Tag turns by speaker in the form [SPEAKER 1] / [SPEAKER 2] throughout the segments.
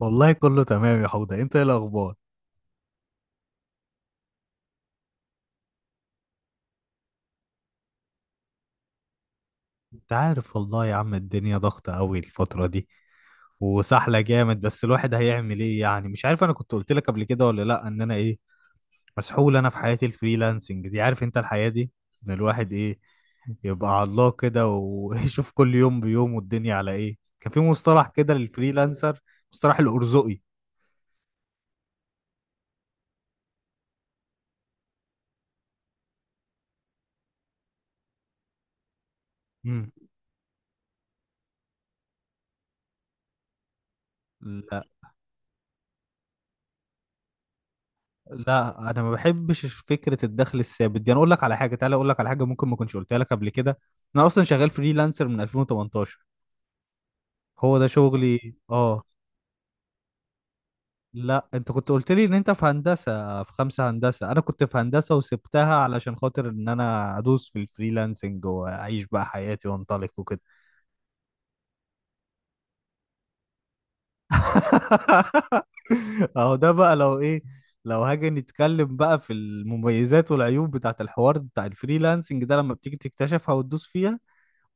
[SPEAKER 1] والله كله تمام يا حوضة، انت ايه الاخبار؟ انت عارف والله يا عم، الدنيا ضغطة قوي الفترة دي وسحلة جامد، بس الواحد هيعمل ايه يعني؟ مش عارف، انا كنت قلت لك قبل كده ولا لا ان انا ايه مسحول انا في حياتي الفريلانسنج دي. عارف انت الحياة دي، ان الواحد ايه يبقى على الله كده ويشوف كل يوم بيوم الدنيا على ايه. كان في مصطلح كده للفريلانسر، مصطلح الارزقي. امم. لا انا ما بحبش فكره الدخل الثابت دي، انا اقول لك على حاجه، تعالى اقول لك على حاجه ممكن ما كنتش قلتها لك قبل كده. انا اصلا شغال فريلانسر من 2018، هو ده شغلي، اه. لا انت كنت قلت لي ان انت في هندسه، في خمسه هندسه، انا كنت في هندسه وسبتها علشان خاطر ان انا ادوس في الفريلانسنج واعيش بقى حياتي وانطلق وكده. اهو ده بقى لو ايه، لو هاجي نتكلم بقى في المميزات والعيوب بتاعت الحوار بتاع الفريلانسنج ده، لما بتيجي تكتشفها وتدوس فيها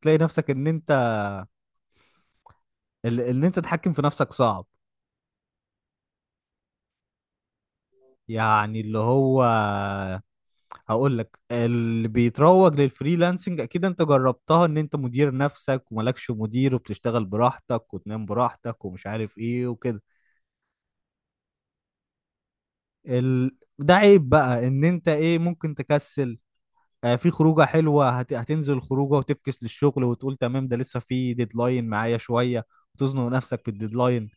[SPEAKER 1] تلاقي نفسك ان انت ان انت تتحكم في نفسك صعب. يعني اللي هو، هقول لك اللي بيتروج للفريلانسنج اكيد انت جربتها، ان انت مدير نفسك وملكش مدير وبتشتغل براحتك وتنام براحتك ومش عارف ايه وكده. ده عيب بقى ان انت ايه ممكن تكسل. في خروجه حلوه، هتنزل خروجه وتفكس للشغل وتقول تمام ده لسه في ديدلاين معايا شويه وتزنق نفسك في الديدلاين.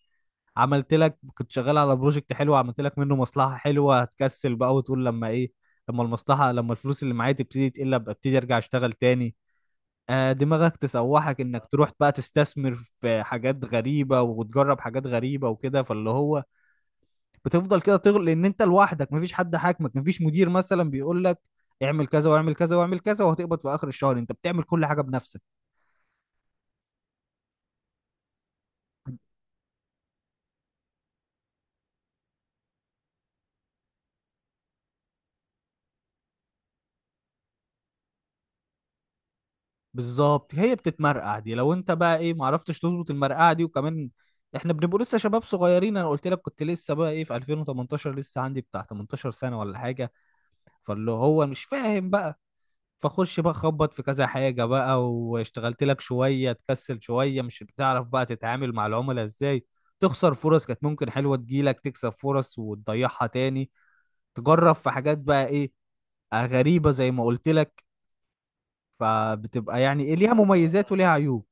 [SPEAKER 1] عملت لك، كنت شغال على بروجكت حلو، عملت لك منه مصلحة حلوة، هتكسل بقى وتقول لما ايه، لما المصلحة، لما الفلوس اللي معايا تبتدي تقل ابقى ابتدي ارجع اشتغل تاني. دماغك تسوحك انك تروح بقى تستثمر في حاجات غريبة وتجرب حاجات غريبة وكده، فاللي هو بتفضل كده تغل لان انت لوحدك، مفيش حد حاكمك، مفيش مدير مثلا بيقول لك اعمل كذا واعمل كذا واعمل كذا وهتقبض في اخر الشهر، انت بتعمل كل حاجة بنفسك. بالظبط، هي بتتمرقع دي. لو انت بقى ايه معرفتش تظبط المرقعه دي، وكمان احنا بنبقى لسه شباب صغيرين، انا قلت لك كنت لسه بقى ايه في 2018 لسه عندي بتاع 18 سنه ولا حاجه، فاللي هو مش فاهم بقى. فخش بقى خبط في كذا حاجه بقى واشتغلت لك شويه، تكسل شويه، مش بتعرف بقى تتعامل مع العملاء ازاي، تخسر فرص كانت ممكن حلوه تجيلك، تكسب فرص وتضيعها تاني، تجرب في حاجات بقى ايه غريبه زي ما قلت لك، فبتبقى يعني ايه ليها مميزات وليها عيوب.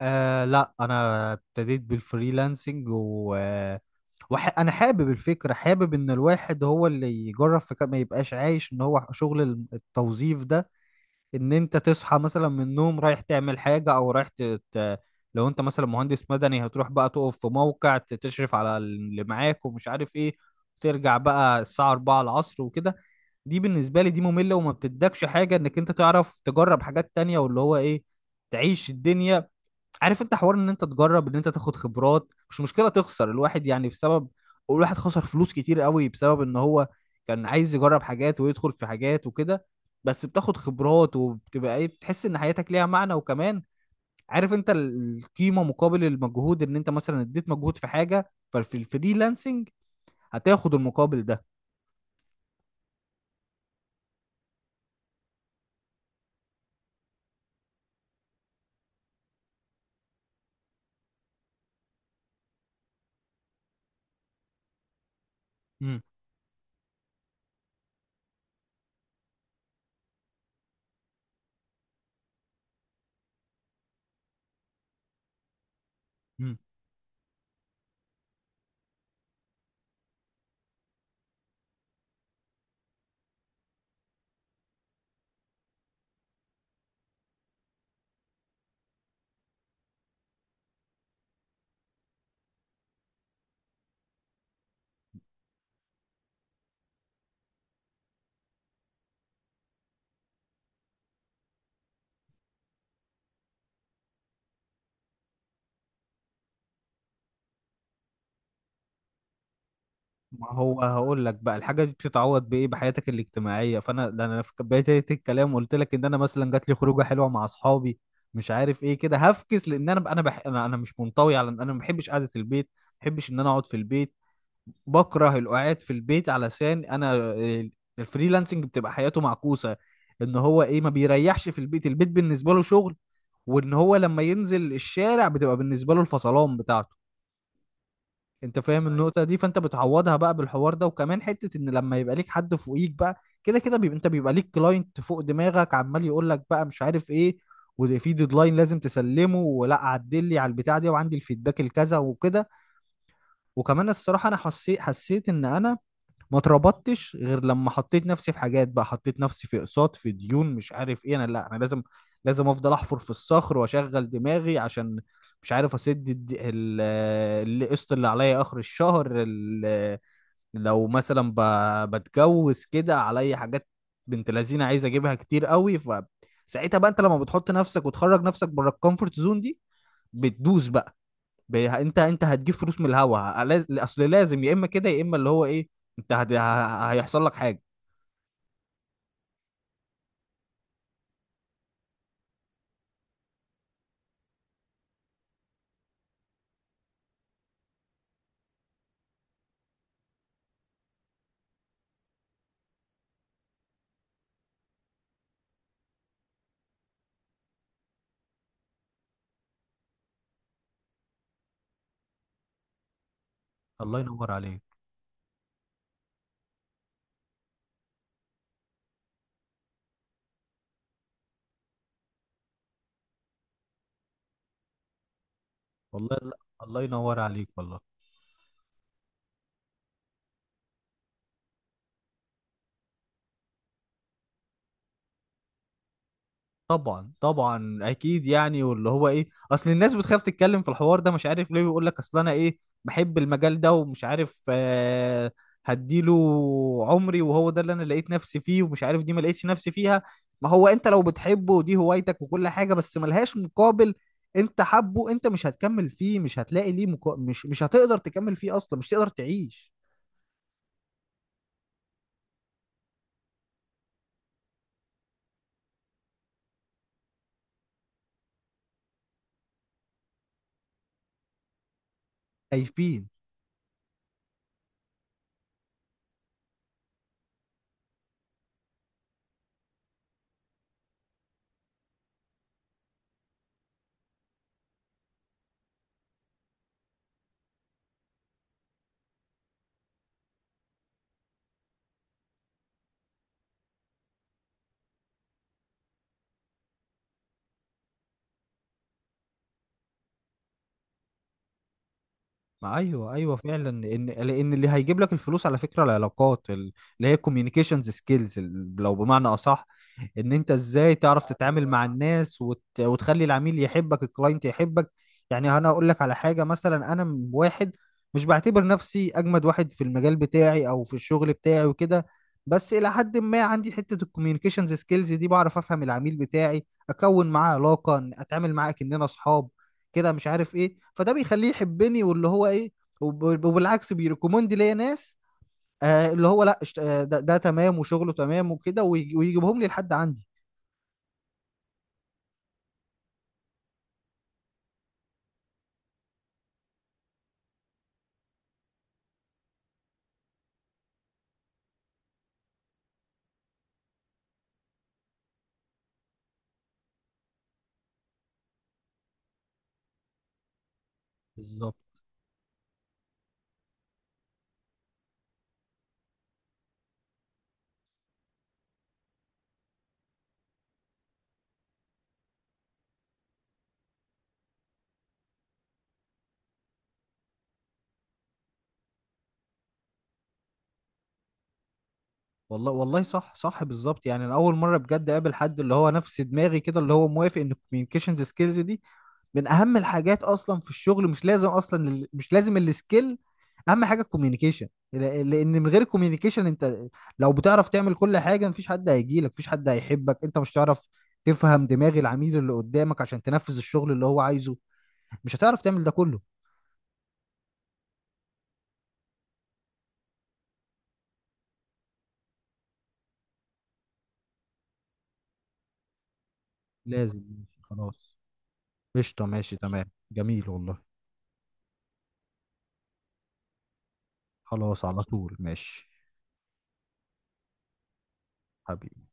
[SPEAKER 1] لا انا ابتديت بالفريلانسنج و انا حابب الفكره، حابب ان الواحد هو اللي يجرب في كده ما يبقاش عايش ان هو شغل التوظيف ده، ان انت تصحى مثلا من النوم رايح تعمل حاجه او رايح لو انت مثلا مهندس مدني هتروح بقى تقف في موقع تشرف على اللي معاك ومش عارف ايه، ترجع بقى الساعه 4 العصر وكده. دي بالنسبه لي دي ممله وما بتدكش حاجه انك انت تعرف تجرب حاجات تانية، واللي هو ايه تعيش الدنيا. عارف انت حوار ان انت تجرب، ان انت تاخد خبرات، مش مشكله تخسر، الواحد يعني بسبب، الواحد خسر فلوس كتير قوي بسبب ان هو كان عايز يجرب حاجات ويدخل في حاجات وكده، بس بتاخد خبرات وبتبقى ايه بتحس ان حياتك ليها معنى. وكمان عارف انت القيمه مقابل المجهود، ان انت مثلا اديت مجهود في حاجه، ففي الفريلانسنج هتاخد المقابل ده. مم. مم. ما هو هقول لك بقى الحاجه دي بتتعوض بايه؟ بحياتك الاجتماعيه. فانا ده انا في بدايه الكلام قلت لك ان انا مثلا جات لي خروجه حلوه مع اصحابي، مش عارف ايه كده، هفكس. لان انا أنا مش منطوي، على انا ما بحبش قعده البيت، ما بحبش ان انا اقعد في البيت، بكره القعاد في البيت. علشان انا الفريلانسنج بتبقى حياته معكوسه، ان هو ايه ما بيريحش في البيت، البيت بالنسبه له شغل، وان هو لما ينزل الشارع بتبقى بالنسبه له الفصلان بتاعته. انت فاهم النقطة دي، فانت بتعوضها بقى بالحوار ده، وكمان حتة ان لما يبقى ليك حد فوقيك بقى كده كده، بيبقى انت بيبقى ليك كلاينت فوق دماغك عمال يقول لك بقى مش عارف ايه، وده في ديدلاين لازم تسلمه، ولا عدل لي على البتاع دي وعندي الفيدباك الكذا وكده. وكمان الصراحة انا حسيت ان انا ما اتربطتش غير لما حطيت نفسي في حاجات بقى، حطيت نفسي في اقساط، في ديون، مش عارف ايه. انا لا انا لازم افضل احفر في الصخر واشغل دماغي عشان مش عارف اسد القسط اللي عليا اخر الشهر، لو مثلا بتجوز كده عليا حاجات، بنت لذينه عايز اجيبها كتير قوي. فساعتها بقى انت لما بتحط نفسك وتخرج نفسك بره الكومفورت زون دي بتدوس بقى، انت هتجيب فلوس من الهوا، اصل لازم، يا اما كده يا اما اللي هو ايه انت هيحصل لك حاجه. الله ينور عليك والله. لا. الله ينور عليك والله. طبعا طبعا اكيد يعني، واللي هو ايه اصل الناس بتخاف تتكلم في الحوار ده مش عارف ليه، ويقول لك اصل انا ايه بحب المجال ده ومش عارف، هديله عمري، وهو ده اللي انا لقيت نفسي فيه، ومش عارف دي ما لقيتش نفسي فيها. ما هو انت لو بتحبه ودي هوايتك وكل حاجة بس ملهاش مقابل، انت حبه انت مش هتكمل فيه، مش هتلاقي ليه مش هتقدر تكمل فيه اصلا، مش هتقدر تعيش. خايفين. ما ايوه ايوه فعلا ان، لان اللي هيجيب لك الفلوس على فكره العلاقات، اللي هي كوميونيكيشنز سكيلز لو بمعنى اصح، ان انت ازاي تعرف تتعامل مع الناس وتخلي العميل يحبك، الكلاينت يحبك. يعني انا اقول لك على حاجه، مثلا انا واحد مش بعتبر نفسي اجمد واحد في المجال بتاعي او في الشغل بتاعي وكده، بس الى حد ما عندي حته الكوميونيكيشنز سكيلز دي، بعرف افهم العميل بتاعي، اكون معاه علاقه، اتعامل معاه كاننا اصحاب كده مش عارف ايه، فده بيخليه يحبني، واللي هو ايه وبالعكس بيريكومند ليا ناس. اللي هو لا، ده تمام وشغله تمام وكده، ويجيبهم لي لحد عندي. بالظبط. والله والله، صح صح بالظبط. يعني انا اول مره بجد اقابل حد اللي هو نفس دماغي كده، اللي هو موافق ان الكوميونيكيشنز سكيلز دي من اهم الحاجات اصلا في الشغل. مش لازم اصلا مش لازم السكيل، اهم حاجه الكوميونيكيشن. لان من غير الكوميونيكيشن انت لو بتعرف تعمل كل حاجه، مفيش حد هيجيلك، مفيش حد هيحبك، انت مش هتعرف تفهم دماغ العميل اللي قدامك عشان تنفذ الشغل اللي هو عايزه، مش هتعرف تعمل ده كله. لازم، ماشي، خلاص. قشطه، ماشي تمام، جميل والله. خلاص، على طول ماشي. حبيبي.